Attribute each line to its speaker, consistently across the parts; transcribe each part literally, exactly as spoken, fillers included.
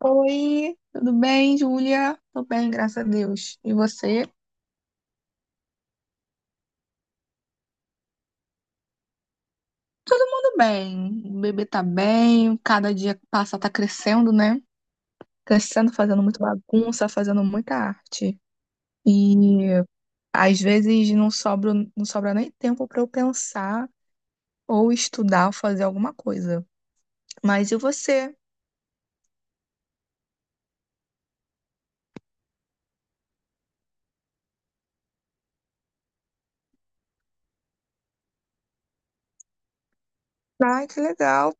Speaker 1: Oi, tudo bem, Júlia? Tô bem, graças a Deus. E você? Todo mundo bem. O bebê tá bem, cada dia que passa tá crescendo, né? Crescendo, fazendo muita bagunça, fazendo muita arte. E às vezes não sobra, não sobra nem tempo pra eu pensar ou estudar ou fazer alguma coisa. Mas e você? Ai, que legal.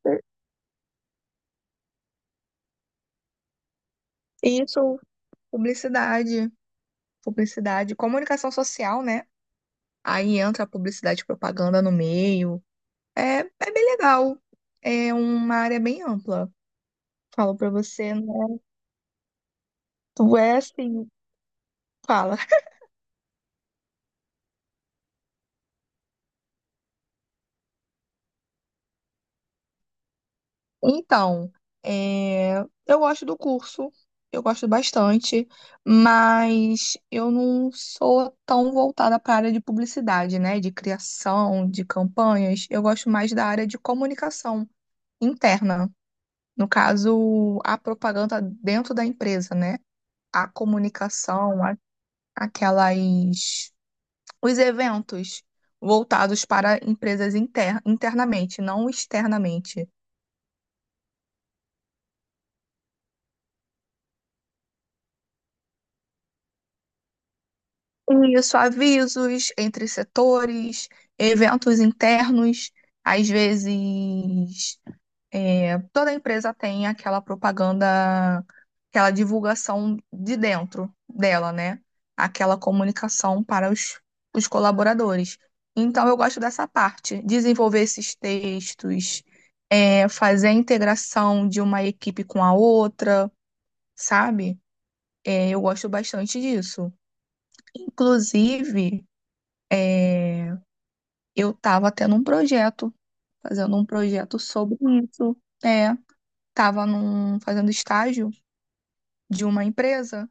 Speaker 1: Isso, publicidade. Publicidade, comunicação social, né? Aí entra a publicidade e propaganda no meio. É, é bem legal. É uma área bem ampla. Falo pra você, né? Tu é assim, fala. Então, é, eu gosto do curso, eu gosto bastante, mas eu não sou tão voltada para a área de publicidade, né? De criação, de campanhas. Eu gosto mais da área de comunicação interna. No caso, a propaganda dentro da empresa, né? A comunicação, a- aquelas Os eventos voltados para empresas inter- internamente, não externamente. E isso, avisos entre setores, eventos internos, às vezes é, toda empresa tem aquela propaganda, aquela divulgação de dentro dela, né? Aquela comunicação para os, os colaboradores. Então, eu gosto dessa parte, desenvolver esses textos, é, fazer a integração de uma equipe com a outra, sabe? É, eu gosto bastante disso. Inclusive, é, eu estava tendo um projeto, fazendo um projeto sobre isso. É, estava fazendo estágio. De uma empresa,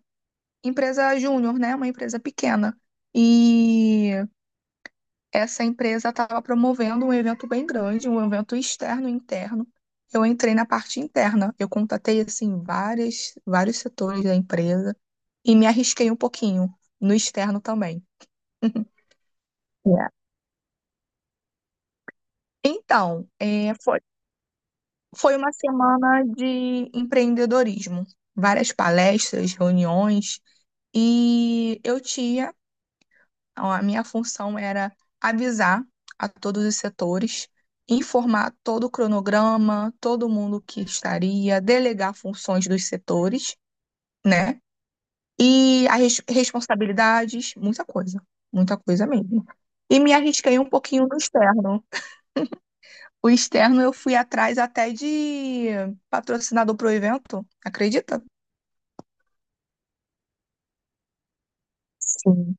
Speaker 1: empresa júnior, né? Uma empresa pequena. E essa empresa estava promovendo um evento bem grande, um evento externo e interno. Eu entrei na parte interna. Eu contatei assim várias, vários setores da empresa e me arrisquei um pouquinho no externo também. Yeah. Então, é, foi, foi uma semana de empreendedorismo, várias palestras, reuniões, e eu tinha Então, A minha função era avisar a todos os setores, informar todo o cronograma, todo mundo que estaria, delegar funções dos setores, né? E as responsabilidades, muita coisa, muita coisa mesmo. E me arrisquei um pouquinho no externo. O externo eu fui atrás até de patrocinador pro evento, acredita? Sim.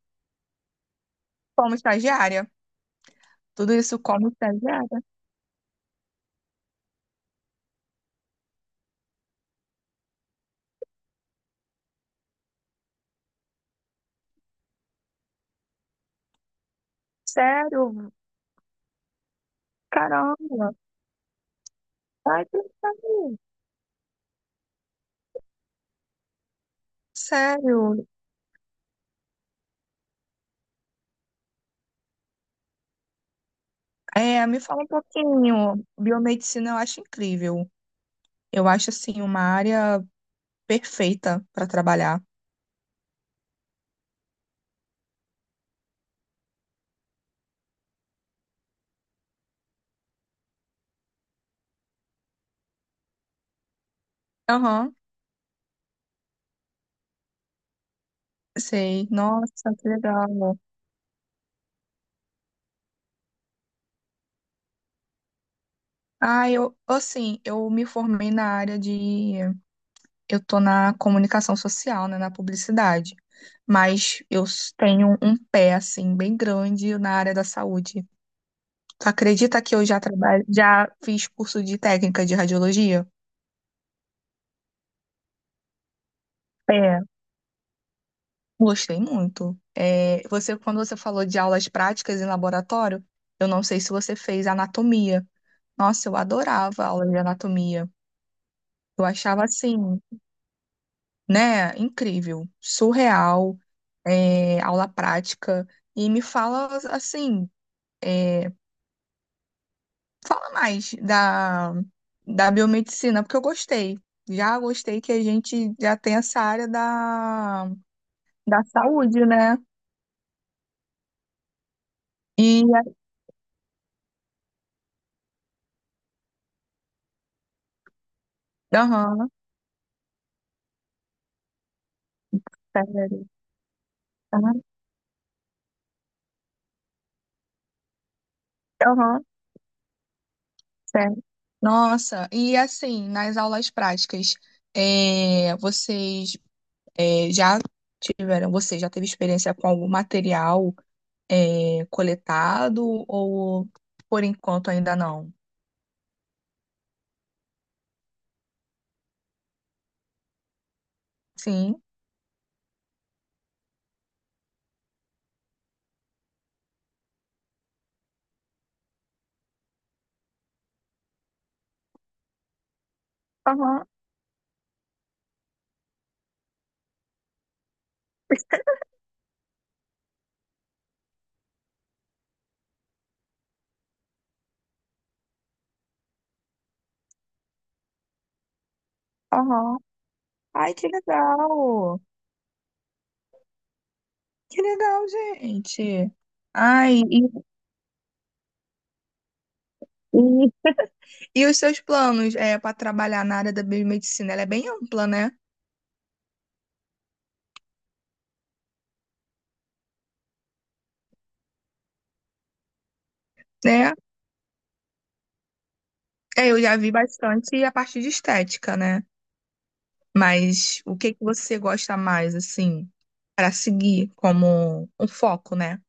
Speaker 1: Como estagiária. Tudo isso como estagiária. Sério, caramba, vai pensar. Sério, é, me fala um pouquinho. Biomedicina eu acho incrível. Eu acho assim uma área perfeita para trabalhar. Aham, sei. Nossa, que legal. Ah, eu assim, eu me formei na área de eu tô na comunicação social, né, na publicidade. Mas eu s- tenho um pé assim bem grande na área da saúde. Tu acredita que eu já trabalho, já fiz curso de técnica de radiologia? É. Gostei muito. É, você, quando você falou de aulas práticas em laboratório, eu não sei se você fez anatomia. Nossa, eu adorava aula de anatomia. Eu achava assim, né, incrível, surreal, é, aula prática. E me fala assim, é, fala mais da, da biomedicina, porque eu gostei. Já gostei que a gente já tem essa área da, da saúde, né? E, aham, sério. Aham. aham. Sério? Nossa, e assim, nas aulas práticas, é, vocês é, já tiveram, você já teve experiência com algum material é, coletado, ou por enquanto ainda não? Sim. Aham, aham. Ai, que legal! Que legal, gente! Ai, e, e, e os seus planos é, para trabalhar na área da biomedicina? Ela é bem ampla, né? Né? É, eu já vi bastante a parte de estética, né? Mas o que que você gosta mais, assim, para seguir como um foco, né?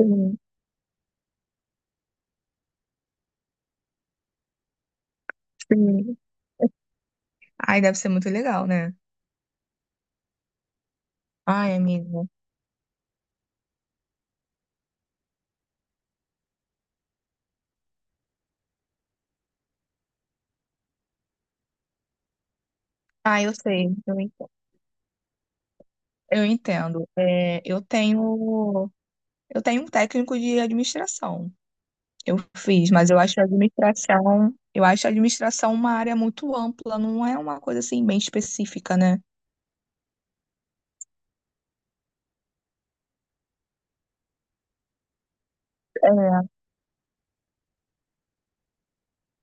Speaker 1: Sim, sim. Ai, deve ser muito legal, né? Ai, amigo. Ah, eu sei, eu entendo. Eu entendo. É, eu tenho, eu tenho um técnico de administração. Eu fiz, mas eu acho a administração, eu acho a administração uma área muito ampla, não é uma coisa assim bem específica, né?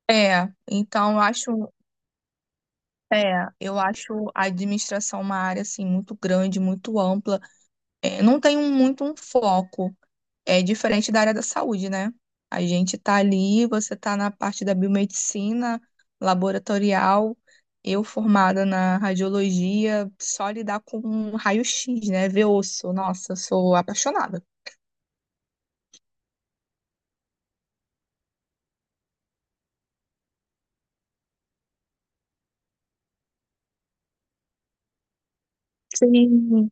Speaker 1: É. É, então eu acho. É, eu acho a administração uma área assim muito grande, muito ampla. É, não tem um- muito um foco. É diferente da área da saúde, né? A gente tá ali, você tá na parte da biomedicina, laboratorial, eu formada na radiologia, só lidar com um raio-x, né? Ver osso. Nossa, eu sou apaixonada. Sim.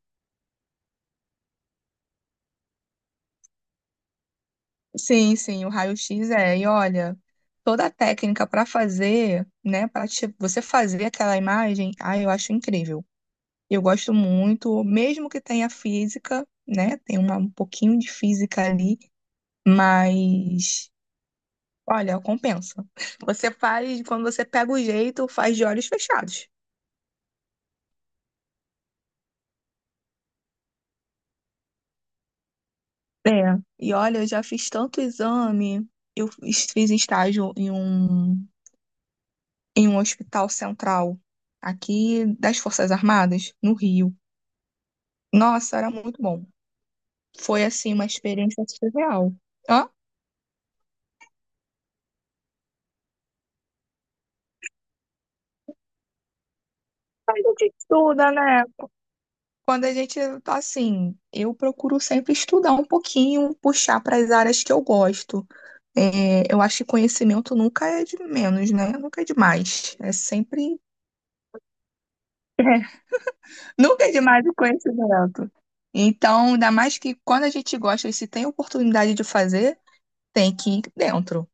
Speaker 1: Sim, sim, o raio-x é. E olha, toda a técnica para fazer, né, para você fazer aquela imagem, ah, eu acho incrível. Eu gosto muito, mesmo que tenha física, né, tem uma, um pouquinho de física ali, mas olha, compensa. Você faz, quando você pega o jeito, faz de olhos fechados. É. E olha, eu já fiz tanto exame, eu fiz fiz estágio em um em um hospital central aqui das Forças Armadas, no Rio. Nossa, era muito bom. Foi, assim, uma experiência surreal. Hã? A gente estuda, né? Quando a gente tá assim, eu procuro sempre estudar um pouquinho, puxar para as áreas que eu gosto. É, eu acho que conhecimento nunca é de menos, né? Nunca é demais. É sempre. É, nunca é demais o conhecimento. Então, ainda mais que quando a gente gosta e se tem oportunidade de fazer, tem que ir dentro.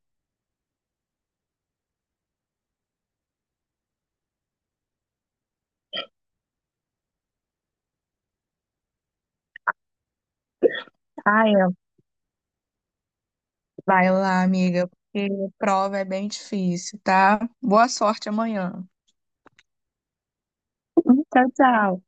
Speaker 1: Ah, é. Vai lá, amiga, porque prova é bem difícil, tá? Boa sorte amanhã. Tchau, tchau.